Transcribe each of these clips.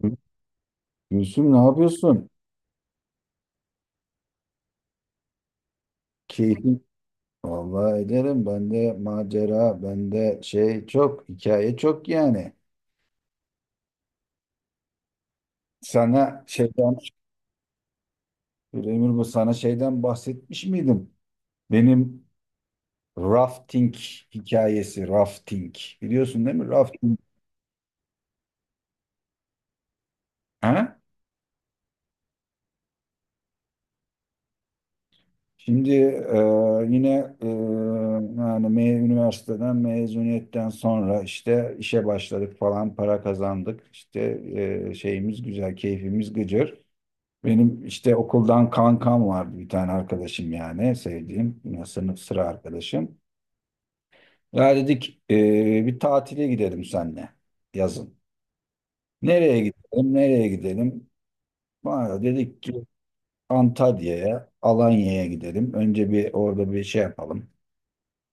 Gül- Gülsüm ne yapıyorsun? Keyfin. Vallahi ederim. Bende macera, bende şey çok, hikaye çok yani. Sana şeyden, Emir, bu sana şeyden bahsetmiş miydim? Benim rafting hikayesi, rafting. Biliyorsun, değil mi? Rafting. Ha? Şimdi yine e, yani üniversiteden, mezuniyetten sonra işte işe başladık falan, para kazandık. İşte şeyimiz güzel, keyfimiz gıcır. Benim işte okuldan kankam vardı, bir tane arkadaşım yani, sevdiğim ya, sınıf sıra arkadaşım. Ya dedik bir tatile gidelim seninle yazın. Nereye gidelim, nereye gidelim? Bana dedik ki Antalya'ya, Alanya'ya gidelim. Önce bir orada bir şey yapalım.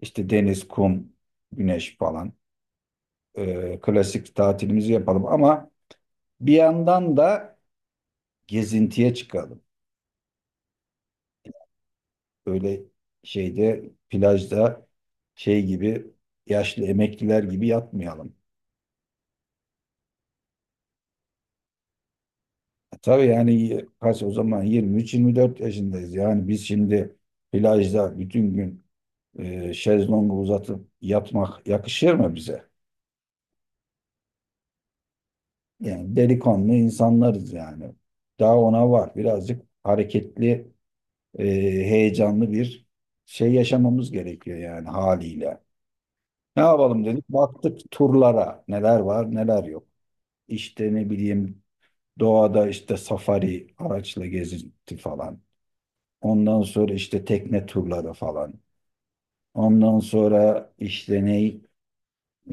İşte deniz, kum, güneş falan. Klasik tatilimizi yapalım ama bir yandan da gezintiye çıkalım. Öyle şeyde, plajda, şey gibi, yaşlı emekliler gibi yatmayalım. Tabii yani, kaç o zaman, 23-24 yaşındayız. Yani biz şimdi plajda bütün gün şezlongu uzatıp yatmak yakışır mı bize? Yani delikanlı insanlarız yani. Daha ona var. Birazcık hareketli, e, heyecanlı bir şey yaşamamız gerekiyor yani, haliyle. Ne yapalım dedik. Baktık turlara. Neler var, neler yok. İşte, ne bileyim, doğada işte safari araçla gezinti falan. Ondan sonra işte tekne turları falan. Ondan sonra işte ne,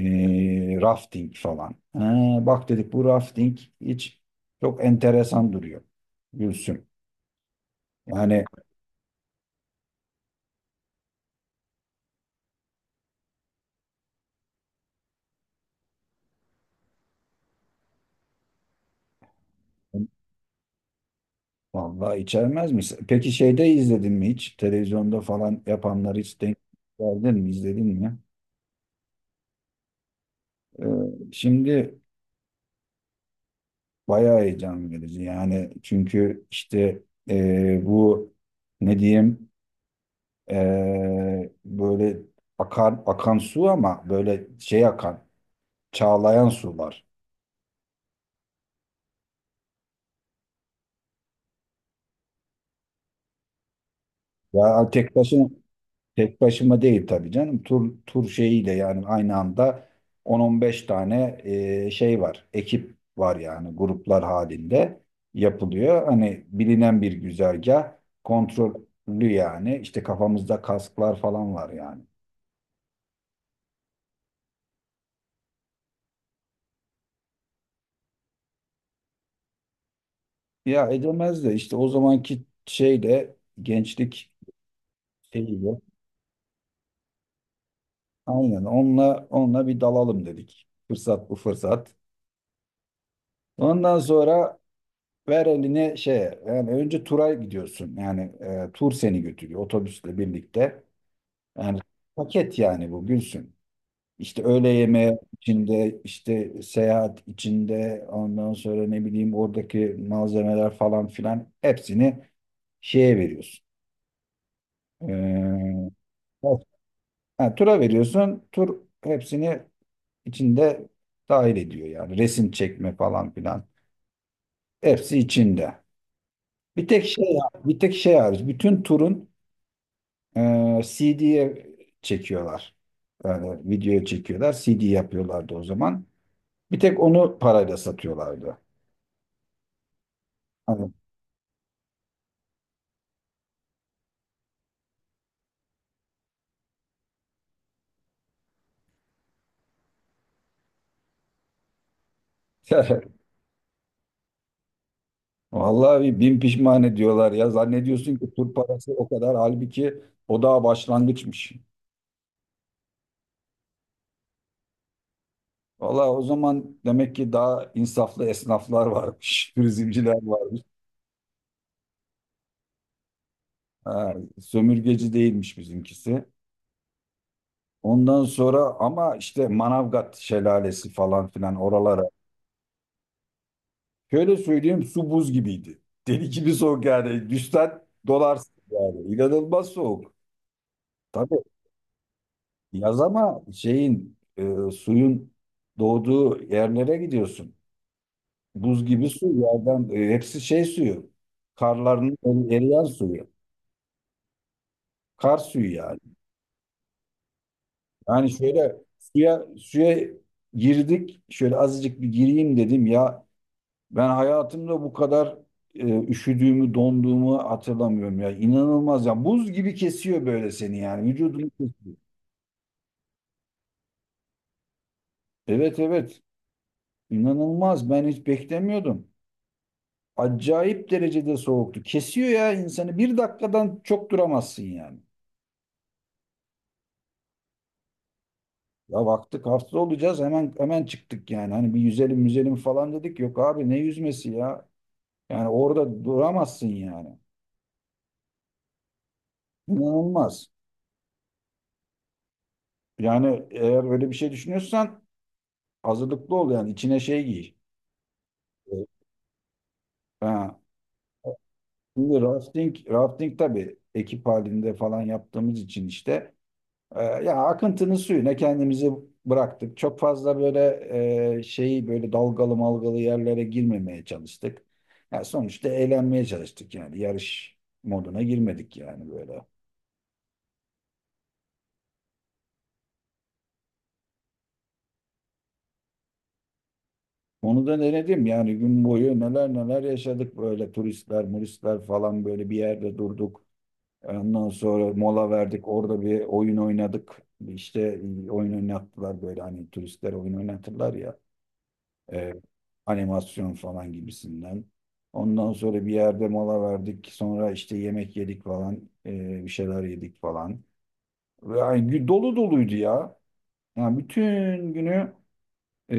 rafting falan. Ha, bak dedik, bu rafting hiç çok enteresan duruyor. Gülsüm. Yani vallahi içermez misin? Peki şeyde, izledin mi hiç? Televizyonda falan yapanları hiç denk geldin mi? İzledin mi? Ee, Şimdi bayağı heyecan verici yani, çünkü işte bu, ne diyeyim, böyle akan akan su ama böyle şey akan, çağlayan sular. Ya tek başına, tek başıma değil tabii canım, tur tur şeyiyle yani, aynı anda 10-15 tane şey var, ekip var yani, gruplar halinde yapılıyor. Hani, bilinen bir güzergah, kontrollü yani, işte kafamızda kasklar falan var yani. Ya edemez de işte o zamanki şeyle, gençlik şeyiyle, aynen onunla, bir dalalım dedik. Fırsat bu fırsat. Ondan sonra ver eline şeye yani, önce tura gidiyorsun. Yani tur seni götürüyor otobüsle birlikte. Yani paket yani bu, Gülsün. İşte öğle yemeği içinde, işte seyahat içinde, ondan sonra, ne bileyim, oradaki malzemeler falan filan, hepsini şeye veriyorsun. E, Ha, tura veriyorsun. Tur hepsini içinde dahil ediyor yani. Resim çekme falan filan. Hepsi içinde. Bir tek şey Bir tek şey hariç. Bütün turun CD'ye çekiyorlar. Yani videoya çekiyorlar. CD yapıyorlardı o zaman. Bir tek onu parayla satıyorlardı. Hani, vallahi bir bin pişman ediyorlar ya. Zannediyorsun ki tur parası o kadar. Halbuki o daha başlangıçmış. Valla, o zaman demek ki daha insaflı esnaflar varmış, turizmciler varmış. Ha, sömürgeci değilmiş bizimkisi. Ondan sonra ama işte Manavgat şelalesi falan filan, oralara. Şöyle söyleyeyim, su buz gibiydi. Deli gibi soğuk yani. Düşsen dolarsın yani. İnanılmaz soğuk. Tabii yaz ama şeyin, suyun doğduğu yerlere gidiyorsun. Buz gibi su yerden, hepsi şey suyu. Karların eriyen suyu. Kar suyu yani. Yani şöyle suya suya girdik. Şöyle azıcık bir gireyim dedim ya. Ben hayatımda bu kadar üşüdüğümü, donduğumu hatırlamıyorum ya. İnanılmaz ya. Buz gibi kesiyor böyle seni yani. Vücudunu kesiyor. Evet, evet. İnanılmaz. Ben hiç beklemiyordum. Acayip derecede soğuktu. Kesiyor ya insanı. Bir dakikadan çok duramazsın yani. Ya baktık hasta olacağız, hemen hemen çıktık yani. Hani bir yüzelim yüzelim falan dedik. Yok abi, ne yüzmesi ya. Yani orada duramazsın yani. İnanılmaz. Yani eğer öyle bir şey düşünüyorsan, hazırlıklı ol yani, içine şey giy. Evet. Ha. Şimdi rafting, tabii ekip halinde falan yaptığımız için işte, ya akıntının suyuna kendimizi bıraktık. Çok fazla böyle şeyi, böyle dalgalı malgalı yerlere girmemeye çalıştık. Ya sonuçta eğlenmeye çalıştık yani, yarış moduna girmedik yani böyle. Onu da denedim yani, gün boyu neler neler yaşadık, böyle turistler, muristler falan, böyle bir yerde durduk. Ondan sonra mola verdik, orada bir oyun oynadık. İşte oyun oynattılar, böyle hani turistler oyun oynatırlar ya, e, animasyon falan gibisinden. Ondan sonra bir yerde mola verdik, sonra işte yemek yedik falan, bir şeyler yedik falan. Yani dolu doluydu ya. Yani bütün günü e,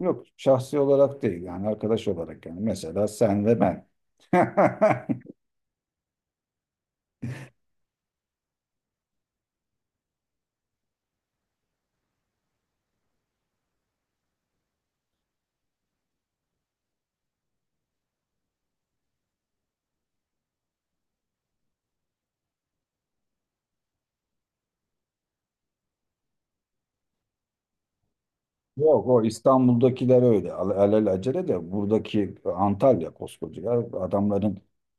Yok, şahsi olarak değil yani, arkadaş olarak yani, mesela sen ve ben. Yok, o İstanbul'dakiler öyle, alelacele, de buradaki Antalya koskoca ya. Adamların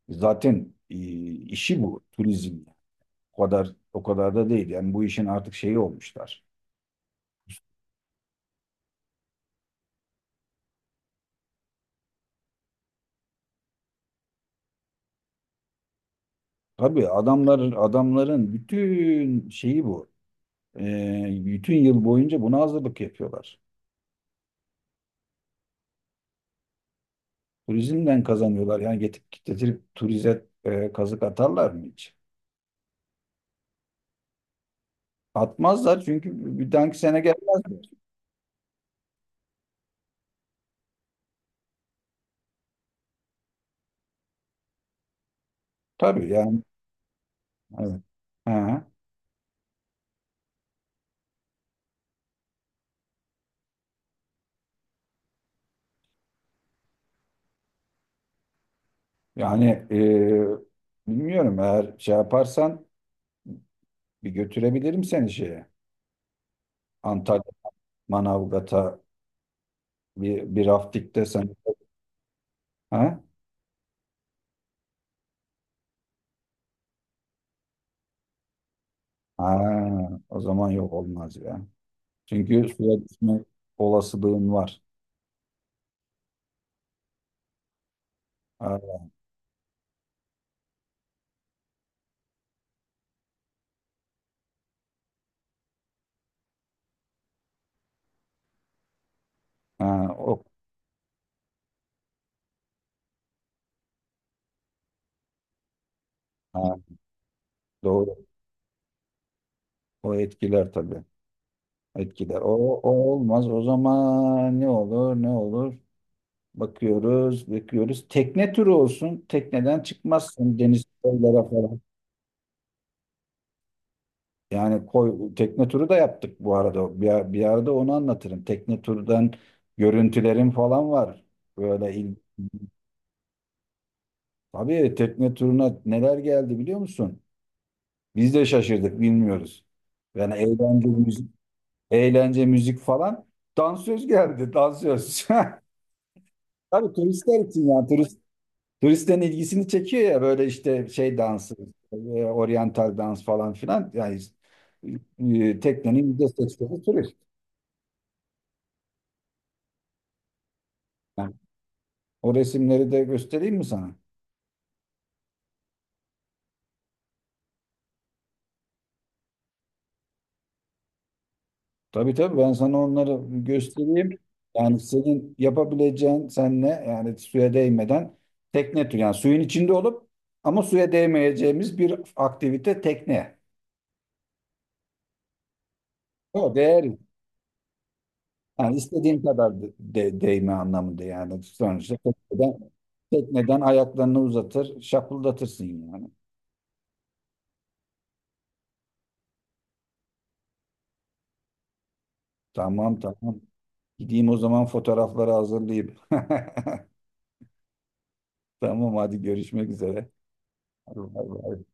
zaten işi bu, turizm. O kadar, o kadar da değil yani, bu işin artık şeyi olmuşlar. Tabii, adamların bütün şeyi bu. Bütün yıl boyunca buna hazırlık yapıyorlar. Turizmden kazanıyorlar yani, getirip getirip turize kazık atarlar mı hiç? Atmazlar, çünkü bir dahaki sene gelmezler. Tabii yani. Evet. Ha. Yani bilmiyorum, eğer şey yaparsan, bir götürebilirim seni şeye. Antalya, Manavgat'a, bir raftikte sen. Ha? Ha, o zaman yok, olmaz ya. Çünkü suya düşme olasılığın var. Ha, ha, o, ha, doğru. O etkiler tabii. Etkiler. O olmaz. O zaman ne olur, ne olur? Bakıyoruz, bakıyoruz. Tekne turu olsun. Tekneden çıkmazsın, deniz koylara falan. Yani koy, tekne turu da yaptık bu arada. Bir arada onu anlatırım. Tekne turdan görüntülerim falan var. Böyle il... Tabii tekne turuna neler geldi, biliyor musun? Biz de şaşırdık, bilmiyoruz. Yani eğlence müzik, eğlence müzik falan. Dansöz geldi, dansöz. Tabii turistler için yani. Turistlerin ilgisini çekiyor ya, böyle işte şey dansı, e, oryantal dans falan filan. Yani teknenin %80'i turist. Yani o resimleri de göstereyim mi sana? Tabii tabii, ben sana onları göstereyim. Yani senin yapabileceğin, senle yani, suya değmeden tekne turu. Yani suyun içinde olup ama suya değmeyeceğimiz bir aktivite, tekne. O değer. Yani istediğin kadar değme anlamında yani. Sonuçta tekneden ayaklarını uzatır, şapıldatırsın yani. Tamam tamam. Gideyim o zaman, fotoğrafları hazırlayayım. Tamam, hadi görüşmek üzere. Bay bay.